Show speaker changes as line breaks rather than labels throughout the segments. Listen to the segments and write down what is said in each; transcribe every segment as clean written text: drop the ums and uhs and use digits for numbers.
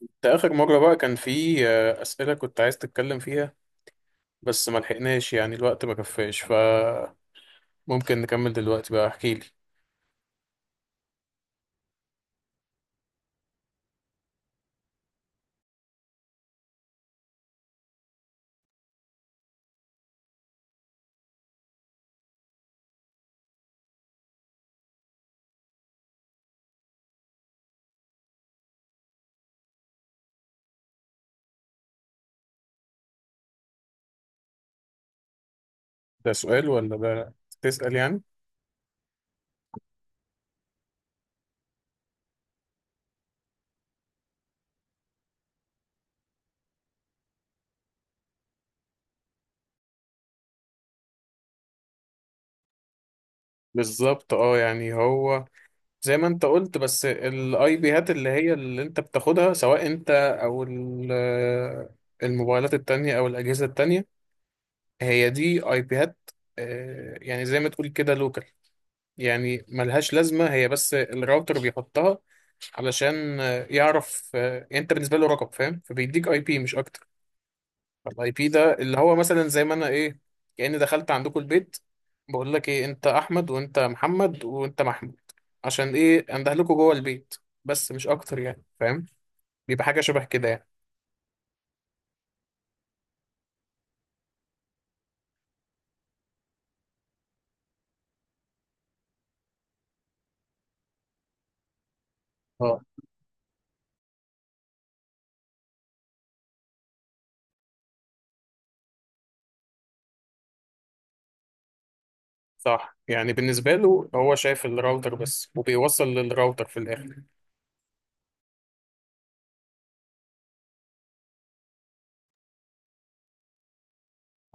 ده آخر مرة بقى كان في أسئلة كنت عايز تتكلم فيها، بس ما لحقناش يعني الوقت ما كفاش، فممكن نكمل دلوقتي بقى. احكي لي. ده سؤال ولا ده تسأل يعني؟ بالظبط، يعني هو زي ما انت قلت. بس الاي بيهات اللي هي اللي انت بتاخدها سواء انت او ال- آه، الموبايلات التانية او الأجهزة التانية، هي دي اي بيهات. يعني زي ما تقول كده لوكال، يعني ملهاش لازمة. هي بس الراوتر بيحطها علشان يعرف، يعني انت بالنسبة له رقم، فاهم؟ فبيديك اي بي مش اكتر. الاي بي ده اللي هو مثلا زي ما انا ايه، كأني دخلت عندكم البيت، بقول لك ايه انت احمد وانت محمد وانت محمود. عشان ايه انده لكم جوه البيت؟ بس مش اكتر يعني، فاهم؟ بيبقى حاجة شبه كده يعني. اه صح، يعني بالنسبة له هو شايف الراوتر بس، وبيوصل للراوتر في الاخر.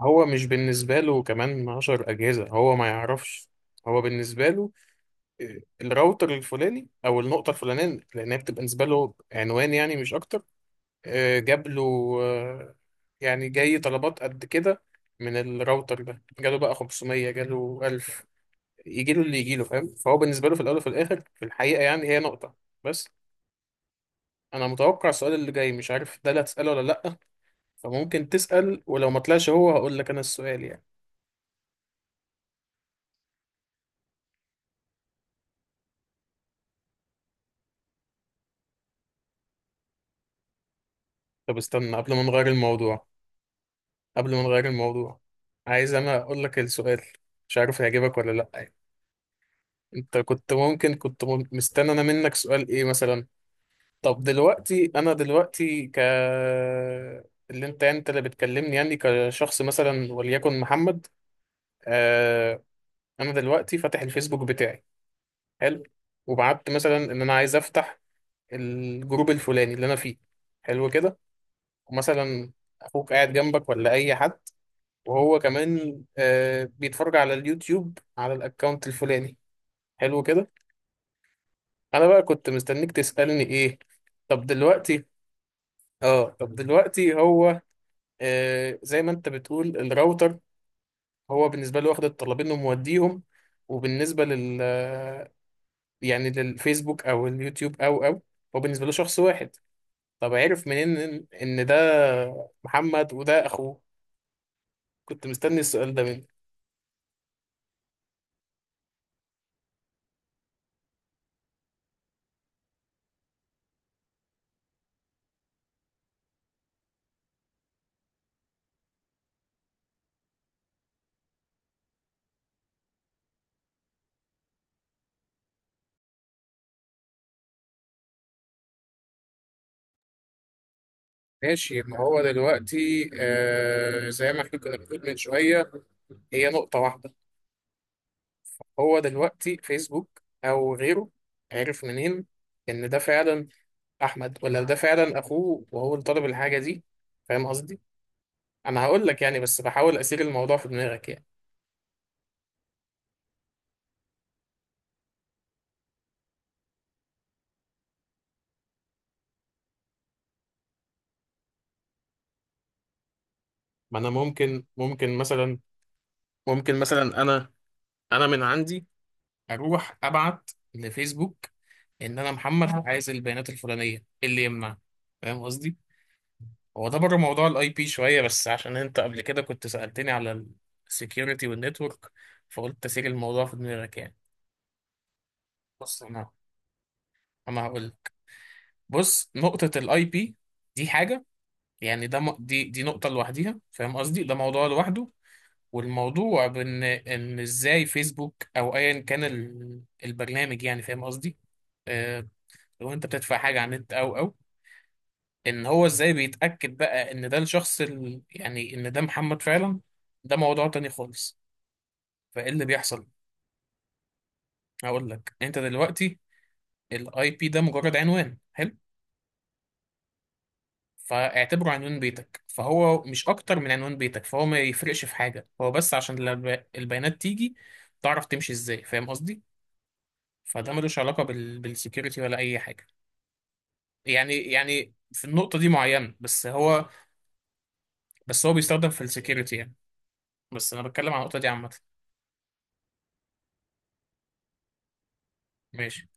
هو مش بالنسبة له كمان 10 أجهزة، هو ما يعرفش. هو بالنسبة له الراوتر الفلاني أو النقطة الفلانية، لأنها بتبقى بالنسبة له عنوان يعني، مش أكتر. آه، جاب له آه، يعني جاي طلبات قد كده. من الراوتر ده جاله بقى 500، جاله 1000، يجيله اللي يجيله، فاهم؟ فهو بالنسبة له في الأول وفي الآخر في الحقيقة يعني هي نقطة بس. أنا متوقع السؤال اللي جاي، مش عارف ده اللي هتسأله ولا لأ، فممكن تسأل، ولو ما طلعش هو هقول لك أنا السؤال يعني. طب استنى قبل ما نغير الموضوع، قبل ما نغير الموضوع، عايز انا اقول لك السؤال، مش عارف هيعجبك ولا لا يعني. انت كنت ممكن كنت مستني انا منك سؤال ايه مثلا؟ طب دلوقتي انا دلوقتي ك، اللي انت اللي بتكلمني يعني كشخص، مثلا وليكن محمد. آه، انا دلوقتي فاتح الفيسبوك بتاعي، حلو، وبعت مثلا ان انا عايز افتح الجروب الفلاني اللي انا فيه، حلو كده. ومثلا اخوك قاعد جنبك ولا اي حد، وهو كمان آه بيتفرج على اليوتيوب على الاكونت الفلاني، حلو كده. انا بقى كنت مستنيك تسألني ايه؟ طب دلوقتي، اه طب دلوقتي هو آه زي ما انت بتقول الراوتر، هو بالنسبة له واخد الطلبين وموديهم، وبالنسبة لل آه، يعني للفيسبوك او اليوتيوب او، هو بالنسبة له شخص واحد. طب عرف منين ان ده محمد وده اخوه؟ كنت مستني السؤال ده. ماشي، ما هو دلوقتي آه زي ما احنا كنا بنقول من شوية، هي نقطة واحدة. هو دلوقتي فيسبوك أو غيره عرف منين إن ده فعلا أحمد ولا ده فعلا أخوه وهو اللي طلب الحاجة دي؟ فاهم قصدي؟ أنا هقول لك يعني، بس بحاول أسير الموضوع في دماغك يعني. ما أنا ممكن مثلا، أنا، أنا من عندي أروح أبعت لفيسبوك إن أنا محمد عايز البيانات الفلانية، إيه اللي يمنع؟ فاهم قصدي؟ هو ده بره موضوع الاي بي شويه، بس عشان انت قبل كده كنت سالتني على السكيورتي والنتورك، فقلت اسيب الموضوع في دماغك يعني. بص انا، هقول لك. بص نقطه الاي بي دي حاجه يعني، ده م- دي دي نقطه لوحديها، فاهم قصدي؟ ده موضوع لوحده. والموضوع بان ان ازاي فيسبوك او ايا كان البرنامج يعني، فاهم قصدي؟ آه، لو انت بتدفع حاجه على النت او ان هو ازاي بيتاكد بقى ان ده الشخص يعني ان ده محمد فعلا. ده موضوع تاني خالص. فايه اللي بيحصل؟ هقول لك. انت دلوقتي الاي بي ده مجرد عنوان، حلو، فاعتبره عنوان بيتك، فهو مش اكتر من عنوان بيتك. فهو ما يفرقش في حاجه، هو بس عشان لما البيانات تيجي تعرف تمشي ازاي، فاهم قصدي؟ فده ملوش علاقه بالسكيورتي ولا اي حاجه يعني. يعني في النقطه دي معينه بس هو، بس هو بيستخدم في السكيورتي يعني، بس انا بتكلم عن النقطه دي عامه. ماشي.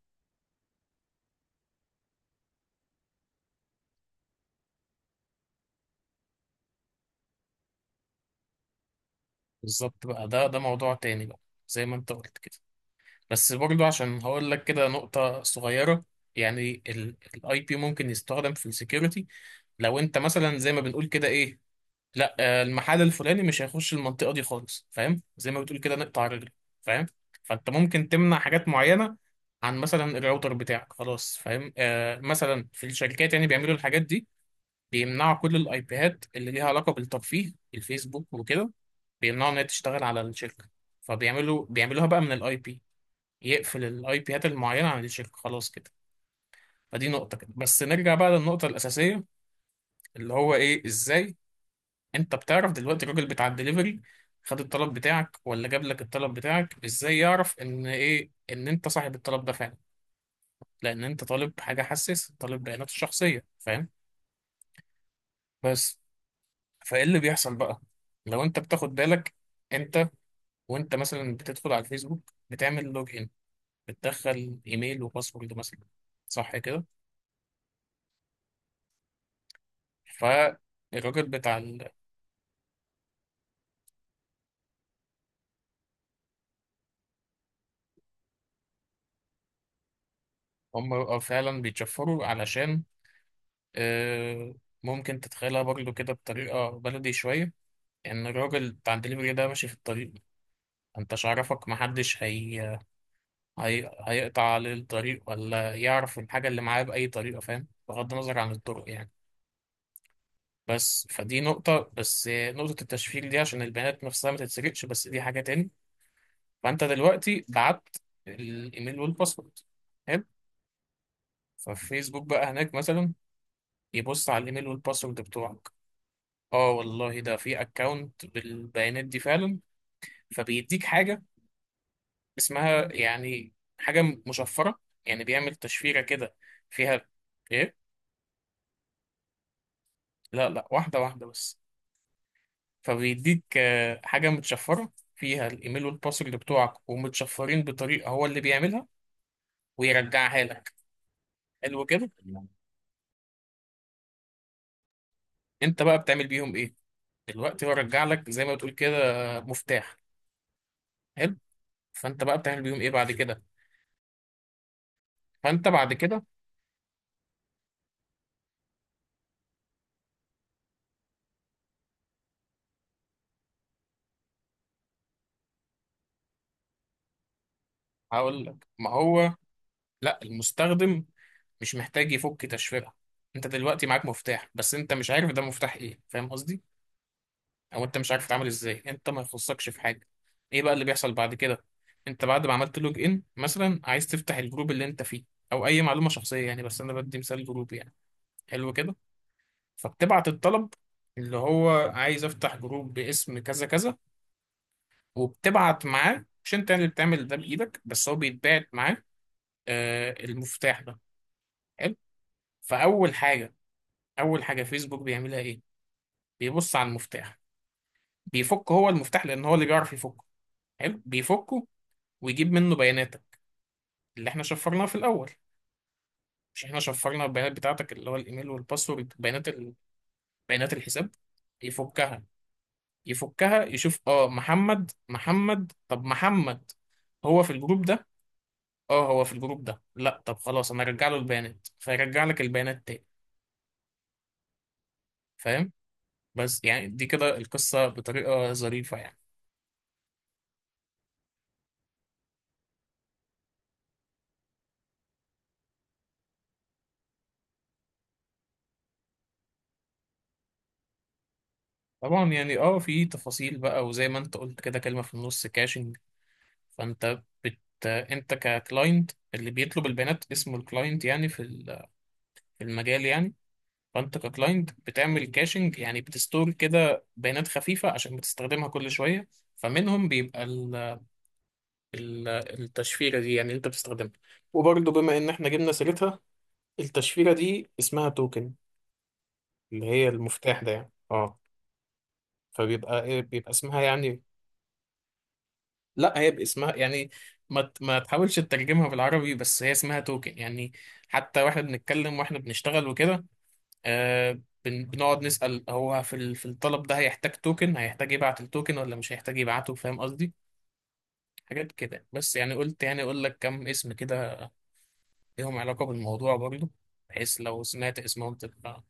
بالظبط بقى، ده موضوع تاني بقى، زي ما انت قلت كده. بس برضو عشان هقول لك كده نقطة صغيرة يعني. الاي بي ممكن يستخدم في السكيورتي. لو انت مثلا زي ما بنقول كده ايه، لا آه، المحل الفلاني مش هيخش المنطقة دي خالص، فاهم؟ زي ما بتقول كده نقطع رجله، فاهم؟ فانت ممكن تمنع حاجات معينة عن مثلا الراوتر بتاعك، خلاص، فاهم؟ آه مثلا في الشركات يعني بيعملوا الحاجات دي، بيمنعوا كل الايبيهات اللي ليها علاقة بالترفيه، الفيسبوك وكده، بيمنعوا ان هي تشتغل على الشركة، فبيعملوا بقى من الاي بي، يقفل الاي بيات المعينه عن الشركه، خلاص كده. فدي نقطه كده بس، نرجع بقى للنقطه الاساسيه، اللي هو ايه، ازاي انت بتعرف دلوقتي الراجل بتاع الدليفري خد الطلب بتاعك ولا جاب لك الطلب بتاعك، ازاي يعرف ان ايه ان انت صاحب الطلب ده فعلا؟ لان انت طالب حاجه حساس، طالب بيانات الشخصيه، فاهم؟ بس. فايه اللي بيحصل بقى؟ لو انت بتاخد بالك، انت وانت مثلا بتدخل على الفيسبوك بتعمل لوجين، بتدخل ايميل وباسورد مثلا، صح كده؟ ف الراجل بتاع، هم بيبقوا فعلا بيتشفروا علشان آه، ممكن تتخيلها برضو كده بطريقة بلدي شوية، إن الراجل بتاع الدليفري ده ماشي في الطريق، انتش عرفك محدش، هيقطع عليه الطريق ولا يعرف الحاجة اللي معاه بأي طريقة، فاهم؟ بغض النظر عن الطرق يعني. بس فدي نقطة، بس نقطة التشفير دي عشان البيانات نفسها ما تتسرقش، بس دي حاجة تاني. فأنت دلوقتي بعت الإيميل والباسورد، حلو. ففيسبوك بقى هناك مثلا يبص على الإيميل والباسورد بتوعك، اه والله ده في اكونت بالبيانات دي فعلا، فبيديك حاجه اسمها يعني، حاجه مشفره يعني، بيعمل تشفيره كده فيها ايه، لا واحده واحده بس. فبيديك حاجه متشفره فيها الايميل والباسورد بتوعك، ومتشفرين بطريقه هو اللي بيعملها ويرجعها لك، حلو كده. انت بقى بتعمل بيهم ايه؟ دلوقتي هو رجع لك زي ما بتقول كده مفتاح، حلو، فانت بقى بتعمل بيهم ايه بعد كده؟ فانت بعد كده، هقول لك. ما هو لا المستخدم مش محتاج يفك تشفيرة. انت دلوقتي معاك مفتاح، بس انت مش عارف ده مفتاح ايه، فاهم قصدي؟ او انت مش عارف تتعامل ازاي، انت ما يخصكش في حاجة. ايه بقى اللي بيحصل بعد كده؟ انت بعد ما عملت لوج ان مثلا عايز تفتح الجروب اللي انت فيه او اي معلومة شخصية يعني، بس انا بدي مثال جروب يعني. حلو كده. فبتبعت الطلب اللي هو عايز افتح جروب باسم كذا كذا، وبتبعت معاه، مش انت يعني اللي بتعمل ده بايدك، بس هو بيتبعت معاه آه المفتاح ده، حلو. فاول حاجة، اول حاجه فيسبوك بيعملها ايه؟ بيبص على المفتاح، بيفك هو المفتاح لان هو اللي بيعرف يفكه. حلو، بيفكه ويجيب منه بياناتك اللي احنا شفرناها في الاول. مش احنا شفرنا البيانات بتاعتك اللي هو الايميل والباسورد، بيانات الحساب، يفكها. يفكها يشوف اه محمد محمد، طب محمد هو في الجروب ده؟ اه هو في الجروب ده، لا طب خلاص انا ارجع له البيانات، فيرجع لك البيانات تاني، فاهم؟ بس يعني دي كده القصة بطريقة ظريفة يعني. طبعا يعني اه في تفاصيل بقى، وزي ما انت قلت كده كلمة في النص كاشنج. فانت بت، انت ككلاينت اللي بيطلب البيانات اسمه الكلاينت يعني في في المجال يعني. فانت ككلاينت بتعمل كاشنج يعني، بتستور كده بيانات خفيفة عشان بتستخدمها كل شوية. فمنهم بيبقى التشفيرة دي يعني اللي انت بتستخدمها، وبرضه بما ان احنا جبنا سيرتها، التشفيرة دي اسمها توكن، اللي هي المفتاح ده يعني اه. فبيبقى ايه؟ بيبقى اسمها يعني، لا هي باسمها يعني، ما تحاولش تترجمها بالعربي، بس هي اسمها توكن يعني. حتى واحنا بنتكلم واحنا بنشتغل وكده، آه بنقعد نسأل هو في في الطلب ده هيحتاج توكن، هيحتاج يبعت التوكن ولا مش هيحتاج يبعته، فاهم قصدي؟ حاجات كده بس يعني، قلت يعني اقول لك كم اسم كده ليهم علاقة بالموضوع برضه، بحيث لو سمعت اسمهم تبقى.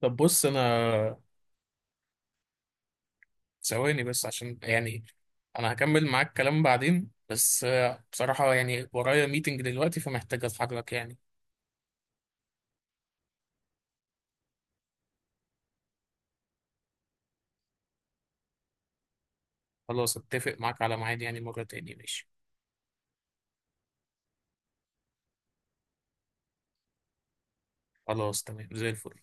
طب بص انا، ثواني بس عشان يعني، انا هكمل معاك كلام بعدين، بس بصراحة يعني ورايا ميتنج دلوقتي، فمحتاج اتحرك يعني. خلاص اتفق معاك على ميعاد يعني مرة تاني، ماشي؟ خلاص تمام زي الفل.